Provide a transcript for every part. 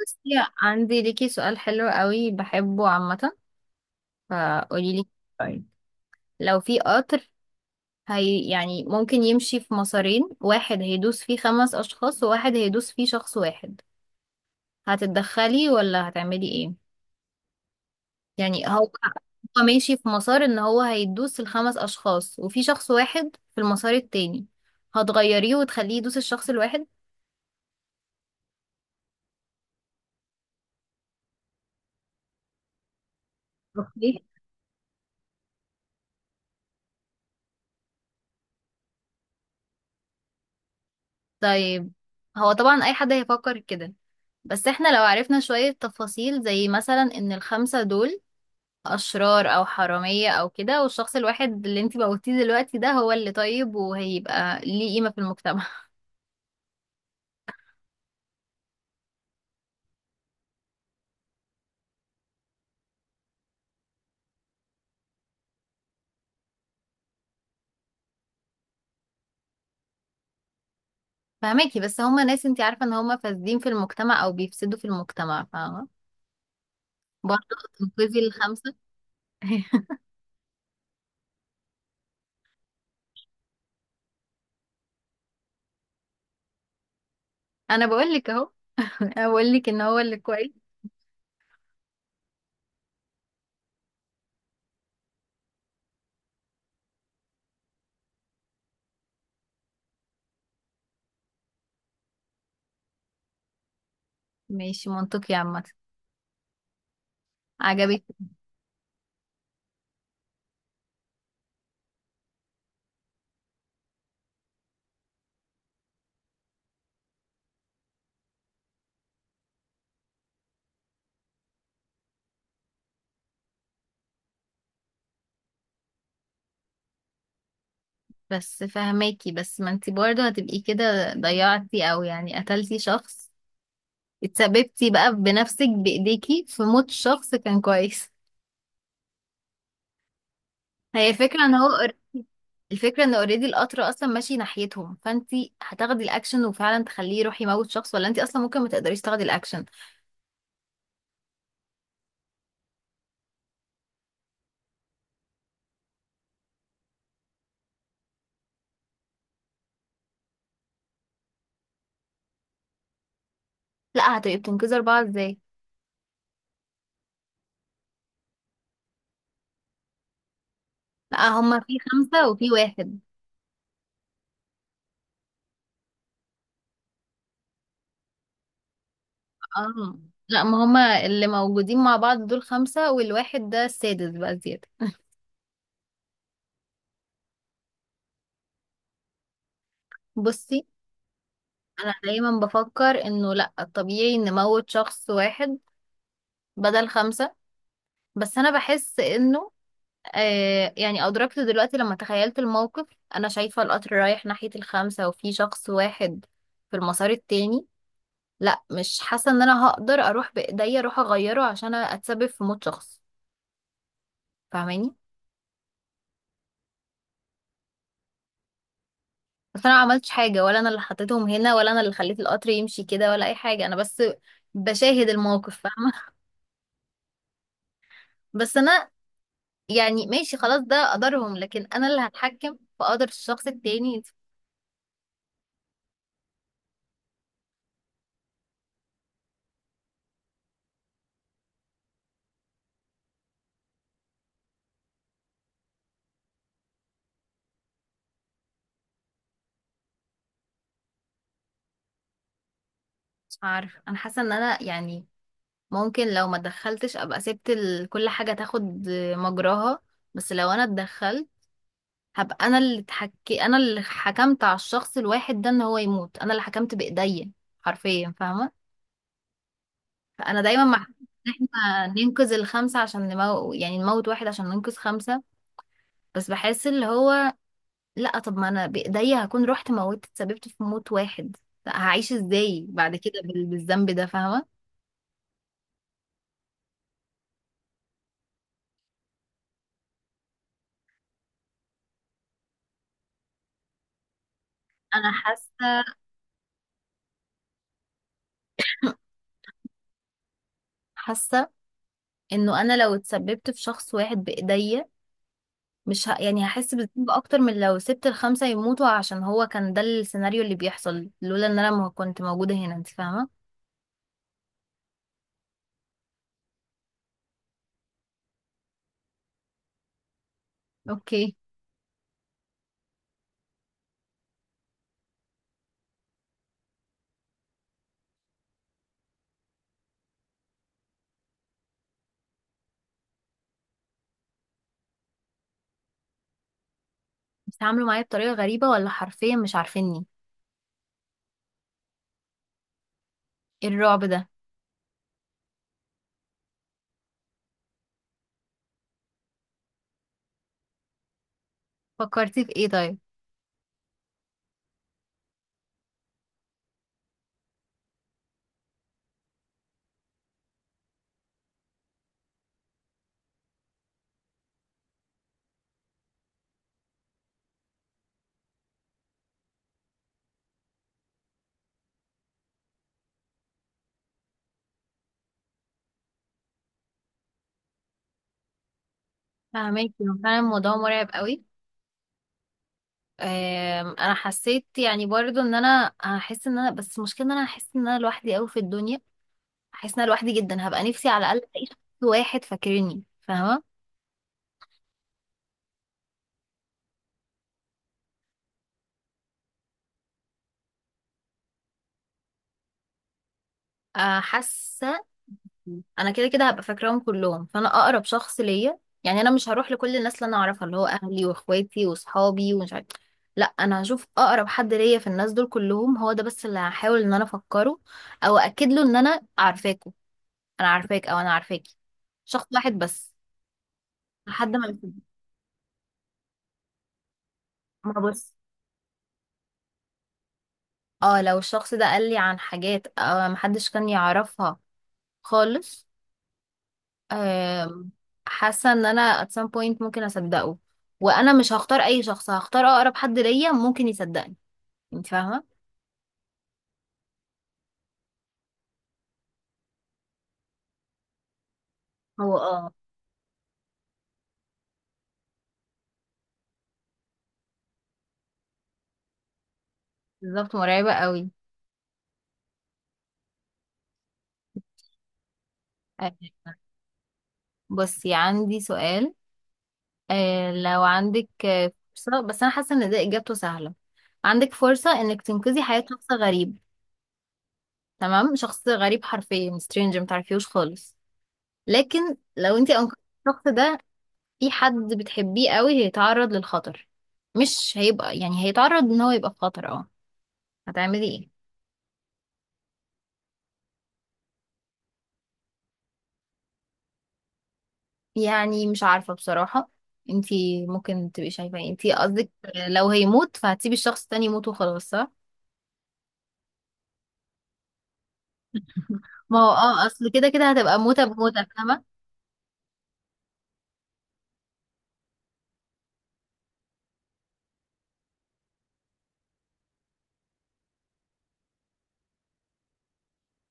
بصي، عندي ليكي سؤال حلو قوي بحبه عامة. فقولي لي، لو في قطر، هي يعني ممكن يمشي في مسارين، واحد هيدوس فيه خمس أشخاص وواحد هيدوس فيه شخص واحد، هتتدخلي ولا هتعملي ايه؟ يعني هو ماشي في مسار ان هو هيدوس الخمس أشخاص وفي شخص واحد في المسار التاني، هتغيريه وتخليه يدوس الشخص الواحد؟ اوكي. طيب هو طبعا أي حد هيفكر كده. بس احنا لو عرفنا شوية تفاصيل، زي مثلا ان الخمسة دول اشرار او حرامية او كده، والشخص الواحد اللي انتي موتيه دلوقتي ده هو اللي طيب وهيبقى ليه قيمة في المجتمع. فهماكي، بس هما ناس انتي عارفة ان هما فاسدين في المجتمع او بيفسدوا في المجتمع، فاهمة؟ برضه تنقذي الخمسة. انا بقولك اهو، انا بقولك ان هو اللي كويس. ماشي، منطقي عامة. عجبك؟ بس فهماكي، بس ما انتي برضه هتبقي كده ضيعتي او يعني قتلتي شخص، اتسببتي بقى بنفسك بايديكي في موت شخص كان كويس. هي الفكره ان هو، الفكره ان اوريدي القطر اصلا ماشي ناحيتهم، فانتي هتاخدي الاكشن وفعلا تخليه يروح يموت شخص، ولا انتي اصلا ممكن ما تقدريش تاخدي الاكشن. لا، هتبقي بتنقذي اربعه ازاي؟ لا، هما في خمسه وفي واحد. اه، لا، ما هما اللي موجودين مع بعض دول خمسه والواحد ده السادس بقى زياده. بصي، انا دايما بفكر انه لا، الطبيعي ان موت شخص واحد بدل خمسه. بس انا بحس انه يعني أدركت دلوقتي لما تخيلت الموقف. أنا شايفة القطر رايح ناحية الخمسة وفي شخص واحد في المسار التاني. لا، مش حاسة إن أنا هقدر أروح بإيديا أروح أغيره عشان أتسبب في موت شخص. فاهماني؟ بس أنا معملتش حاجة، ولا أنا اللي حطيتهم هنا، ولا أنا اللي خليت القطر يمشي كده، ولا أي حاجة. أنا بس بشاهد الموقف، فاهمة؟ بس أنا، يعني ماشي خلاص، ده قدرهم، لكن أنا اللي هتحكم في قدر الشخص التاني. مش عارفة. أنا حاسة إن أنا يعني ممكن لو ما دخلتش ابقى سبت كل حاجة تاخد مجراها. بس لو انا اتدخلت، هبقى انا اللي اتحكي، انا اللي حكمت على الشخص الواحد ده ان هو يموت، انا اللي حكمت بايديا حرفيا، فاهمة؟ فانا دايما مع ان احنا ننقذ الخمسة عشان يعني نموت واحد عشان ننقذ خمسة. بس بحس اللي هو، لا، طب ما انا بايديا هكون رحت موتت، اتسببت في موت واحد. لا، هعيش ازاي بعد كده بالذنب ده، فاهمة؟ انا حاسة انه انا لو اتسببت في شخص واحد بايديا، مش ه... يعني هحس بالذنب اكتر من لو سبت الخمسة يموتوا، عشان هو كان ده السيناريو اللي بيحصل لولا ان انا ما كنت موجودة هنا، انت فاهمة؟ اوكي. بيتعاملوا معايا بطريقة غريبة ولا حرفيا مش عارفيني؟ ايه الرعب ده؟ فكرتي في ايه طيب؟ فاهمك. فعلا الموضوع مرعب قوي. انا حسيت يعني برضو ان انا هحس ان انا، بس المشكلة ان انا هحس ان انا لوحدي قوي في الدنيا، هحس ان انا لوحدي جدا، هبقى نفسي على الاقل الاقي شخص واحد فاكرني، فاهمة؟ حاسة انا كده كده هبقى فاكراهم كلهم، فانا اقرب شخص ليا. يعني انا مش هروح لكل الناس اللي انا اعرفها، اللي هو اهلي واخواتي واصحابي ومش عارف. لا، انا هشوف اقرب حد ليا في الناس دول كلهم، هو ده بس اللي هحاول ان انا افكره او اكد له ان انا عارفاكوا، انا عارفاك او انا عارفاكي. شخص واحد بس لحد ما يفيد. ما بص، اه لو الشخص ده قال لي عن حاجات محدش كان يعرفها خالص، آم، حاسه ان انا at some point ممكن اصدقه. وانا مش هختار اي شخص، هختار اقرب حد ليا ممكن يصدقني. انت فاهمه؟ هو اه، بالظبط، مرعبه قوي. آه، بصي عندي سؤال. لو عندك فرصه، بس انا حاسه ان ده اجابته سهله. عندك فرصه انك تنقذي حياه شخص غريب. تمام، شخص غريب حرفيا stranger متعرفيهوش خالص. لكن لو انت انقذتي الشخص ده، في حد بتحبيه قوي هيتعرض للخطر. مش هيبقى، يعني هيتعرض ان هو يبقى في خطر، اه. هتعملي ايه؟ يعني مش عارفة بصراحة. انتي ممكن تبقي شايفة ايه انتي قصدك؟ لو هيموت فهتسيبي الشخص التاني يموت وخلاص، صح؟ ما هو اه اصل كده كده هتبقى موتة بموتة، فاهمة؟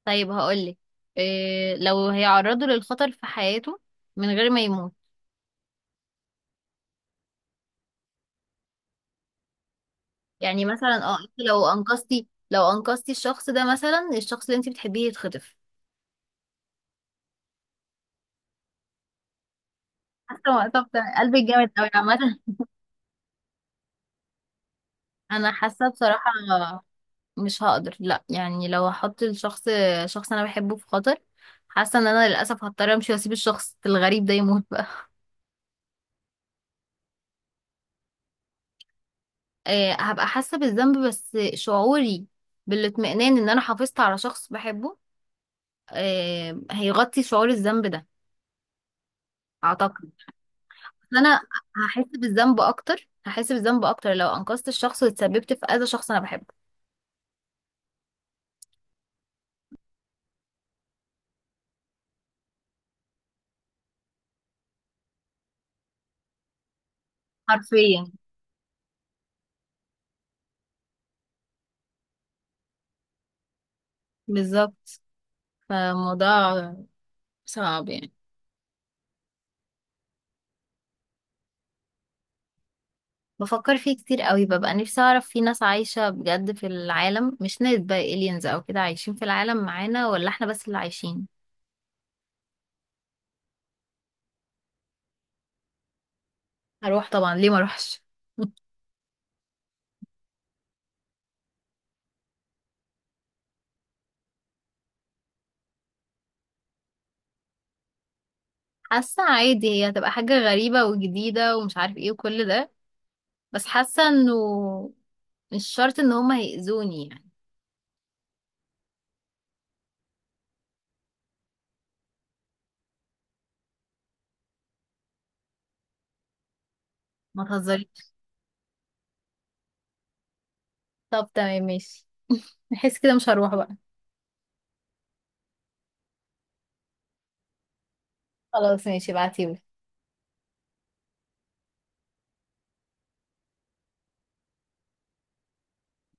طيب هقولك، إيه لو هيعرضه للخطر في حياته من غير ما يموت؟ يعني مثلا اه انت لو انقذتي الشخص ده، مثلا الشخص اللي انت بتحبيه يتخطف. حاسة؟ طب ده قلبك جامد قوي عامة. انا حاسه بصراحه مش هقدر. لا، يعني لو هحط الشخص، شخص انا بحبه، في خطر، حاسه ان انا للاسف هضطر امشي واسيب الشخص الغريب ده يموت بقى. هبقى حاسه بالذنب، بس شعوري بالاطمئنان ان انا حافظت على شخص بحبه هيغطي شعور الذنب ده، اعتقد. بس انا هحس بالذنب اكتر، هحس بالذنب اكتر لو انقذت الشخص واتسببت في اذى شخص انا بحبه. حرفيا، بالظبط. فالموضوع صعب يعني. بفكر فيه كتير قوي، ببقى نفسي اعرف في ناس عايشة بجد في العالم، مش ناس بقى aliens او كده عايشين في العالم معانا، ولا احنا بس اللي عايشين. هروح طبعا، ليه ما اروحش؟ حاسة عادي، هي هتبقى حاجة غريبة وجديدة ومش عارف ايه وكل ده، بس حاسة انه مش شرط ان هما هيأذوني يعني. ما تهزريش. طب تمام ماشي، نحس كده مش هروح بقى. خلاص ماشي، ابعتيلي.